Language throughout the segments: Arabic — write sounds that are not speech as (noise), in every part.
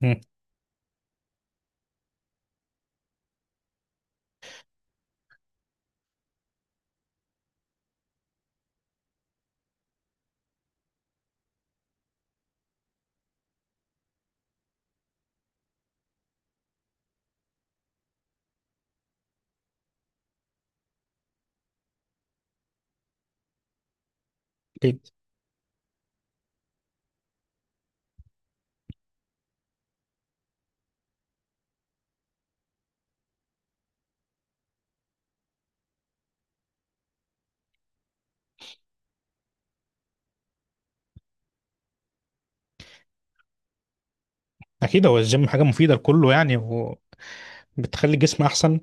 مم. اكيد اكيد هو الجيم حاجه مفيده لكله يعني، وبتخلي الجسم احسن.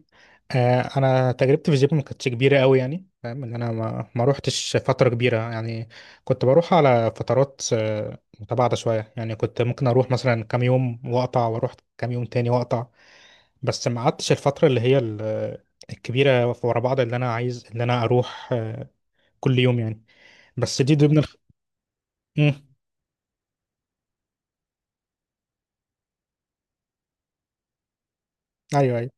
انا تجربتي في الجيم ما كانتش كبيره قوي، يعني فاهم ان انا ما روحتش فتره كبيره يعني. كنت بروح على فترات متباعده شويه، يعني كنت ممكن اروح مثلا كام يوم واقطع، واروح كام يوم تاني واقطع. بس ما قعدتش الفتره اللي هي الكبيره ورا بعض، اللي انا عايز اللي انا اروح كل يوم يعني. بس دي ضمن مم. ايوه ايوه،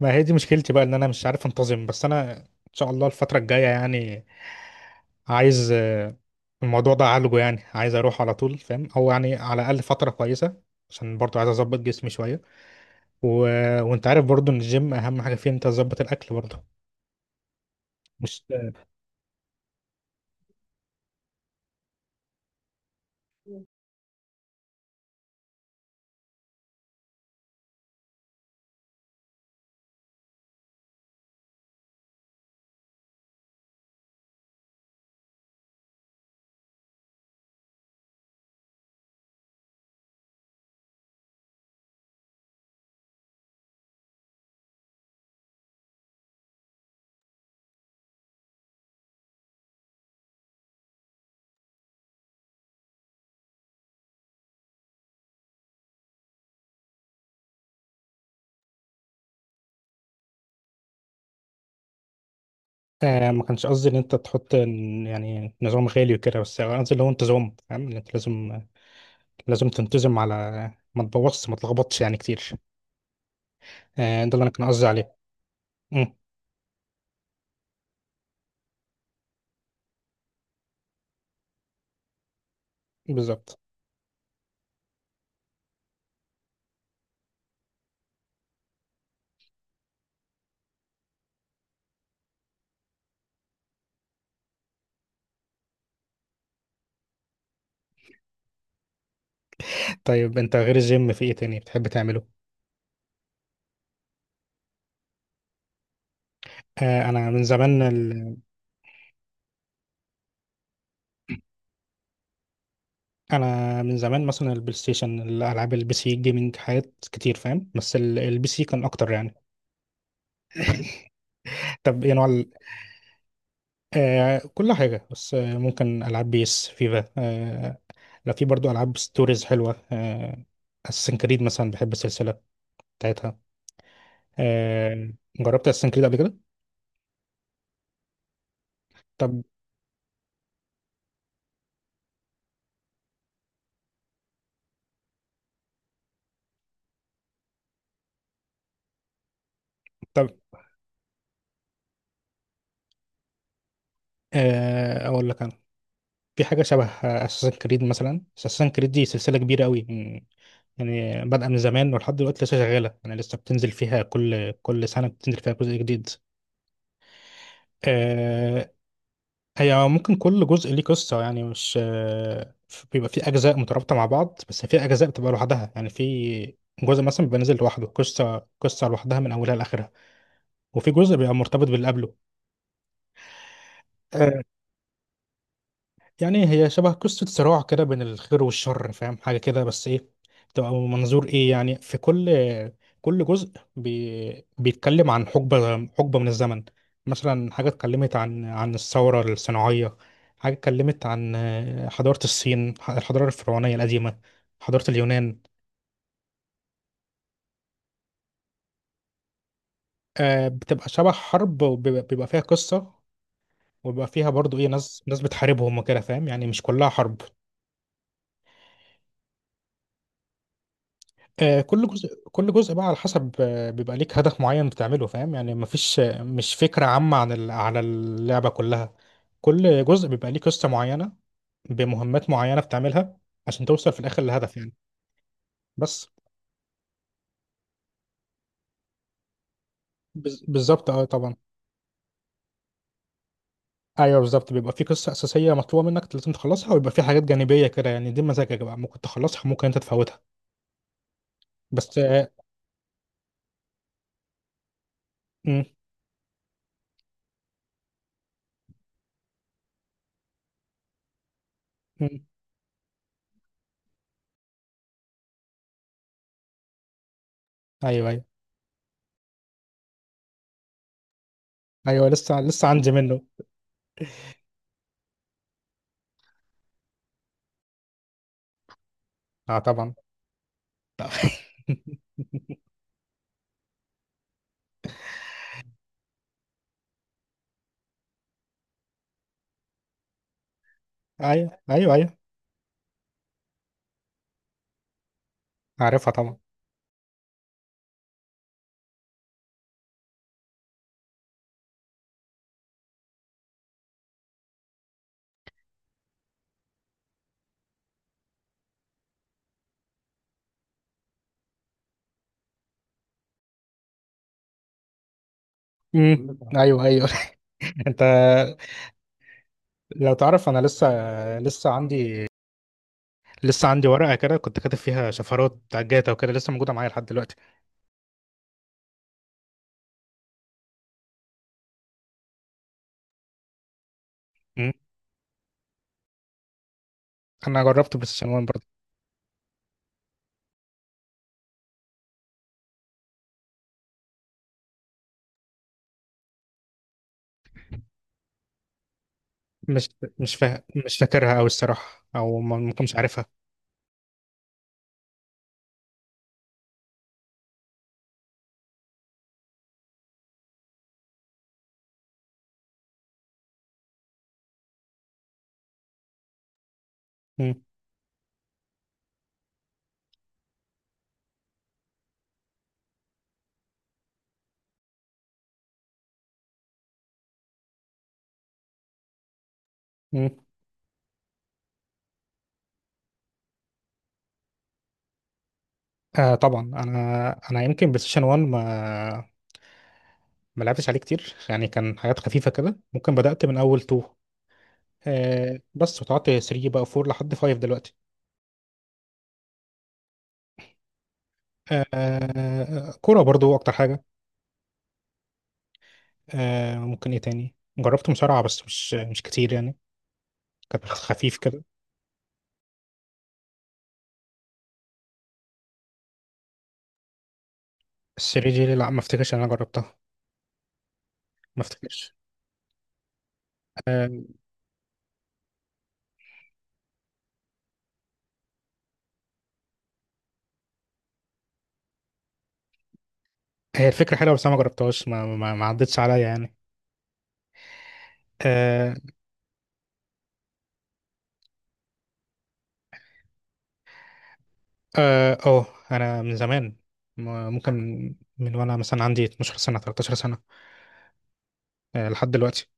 ما هي دي مشكلتي بقى ان انا مش عارف انتظم، بس انا ان شاء الله الفترة الجاية يعني عايز الموضوع ده اعالجه، يعني عايز اروح على طول فاهم، او يعني على الاقل فترة كويسة عشان برضو عايز اظبط جسمي شوية. و... وانت عارف برضو ان الجيم اهم حاجة فيه انت تظبط الاكل برضو. مش. ما كانش قصدي ان انت تحط يعني نظام غالي وكده، بس قصدي اللي هو انتظام، فاهم ان انت لازم تنتظم على ما تبوظش ما تلخبطش يعني كتير. ده اللي انا كان قصدي عليه. مم، بالظبط. طيب انت غير الجيم في ايه تاني بتحب تعمله؟ انا من زمان انا من زمان مثلا البلاي ستيشن، الالعاب، البي سي جيمنج، حاجات كتير فاهم، بس البي سي كان اكتر يعني. طب ايه نوع كل حاجه، بس ممكن العاب بيس، فيفا، لا، في برضو العاب ستوريز حلوه، اساسن كريد مثلا، بحب السلسله بتاعتها. آه جربت اساسن كريد قبل كده؟ طب طب اقول لك انا. في حاجه شبه اساسن كريد، مثلا اساسن كريد دي سلسله كبيره قوي يعني، بادئه من زمان ولحد دلوقتي لسه شغاله، يعني لسه بتنزل فيها كل سنه بتنزل فيها جزء جديد. آه، هي ممكن كل جزء ليه قصه يعني، مش بيبقى في اجزاء مترابطه مع بعض، بس في اجزاء بتبقى لوحدها يعني. في جزء مثلا بيبقى نازل لوحده، قصه قصه لوحدها من اولها لاخرها، وفي جزء بيبقى مرتبط باللي قبله. آه، يعني هي شبه قصة صراع كده بين الخير والشر، فاهم حاجة كده، بس ايه بتبقى منظور ايه يعني. في كل جزء بيتكلم عن حقبة حقبة من الزمن. مثلا حاجة اتكلمت عن الثورة الصناعية، حاجة اتكلمت عن حضارة الصين، الحضارة الفرعونية القديمة، حضارة اليونان. بتبقى شبه حرب، وبيبقى فيها قصة، وبيبقى فيها برضو ايه ناس ناس بتحاربهم وكده، فاهم يعني مش كلها حرب. كل جزء كل جزء بقى على حسب، بيبقى ليك هدف معين بتعمله، فاهم يعني. مفيش مش فكرة عامة عن على اللعبة كلها. كل جزء بيبقى ليه قصة معينة بمهمات معينة بتعملها عشان توصل في الآخر للهدف يعني. بس. بالظبط، اه طبعا. ايوه بالظبط، بيبقى في قصة أساسية مطلوبة منك لازم تخلصها، ويبقى في حاجات جانبية كده، يعني دي مزاجك بقى ممكن تخلصها ممكن انت تفوتها. بس مم، مم. ايوه ايوه ايوه، لسه لسه عندي منه. اه طبعا. (laughs) ايوه ايوه ايوه، عارفها طبعا. ايوه ايوه. (laughs) انت لو تعرف انا لسه عندي لسه عندي ورقه كده كنت كاتب فيها شفرات بتاع جاتا وكده، لسه موجوده معايا لحد دلوقتي. امم انا جربت بلاي ستيشن 1 برضه. مش مش فاكرها او الصراحه، او ما ممكن مش عارفها. امم امم طبعا انا يمكن بلاي ستيشن 1 ما لعبتش عليه كتير يعني، كان حاجات خفيفه كده، ممكن بدات من اول 2، بس وقعدت 3 بقى 4 لحد 5 دلوقتي. كوره برضو اكتر حاجه. ممكن ايه تاني؟ جربت مصارعة بس مش كتير يعني، كانت خفيف كده. السري جيلي؟ لا، ما افتكرش ان انا جربتها، ما افتكرش. آه هي الفكرة حلوة، بس انا ما جربتهاش، ما عدتش عليا يعني. اه اه، أوه، انا من زمان، ممكن من وانا مثلا عندي 12 سنة 13 سنة، لحد دلوقتي.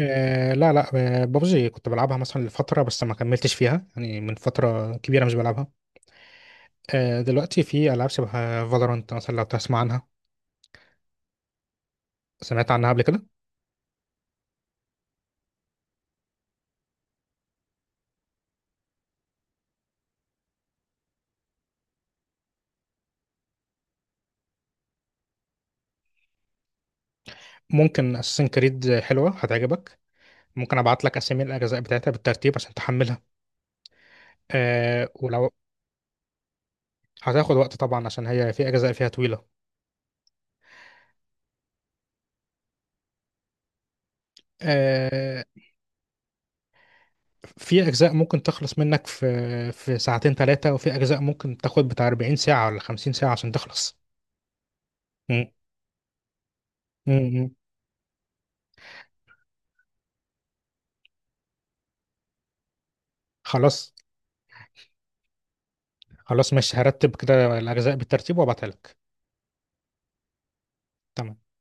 لا لا. بابجي كنت بلعبها مثلا لفترة، بس ما كملتش فيها يعني، من فترة كبيرة مش بلعبها. دلوقتي في ألعاب شبه فالورانت مثلا، لو تسمع عنها. سمعت عنها قبل كده. ممكن اساسن كريد حلوه هتعجبك. ممكن ابعت لك اسامي الاجزاء بتاعتها بالترتيب عشان تحملها. ولو هتاخد وقت طبعا، عشان هي في اجزاء فيها طويله. أه في اجزاء ممكن تخلص منك في ساعتين ثلاثه، وفي اجزاء ممكن تاخد بتاع 40 ساعه ولا 50 ساعه عشان تخلص. م- م- م. خلاص، خلاص مش هرتب كده الاجزاء بالترتيب وابعتها لك. تمام.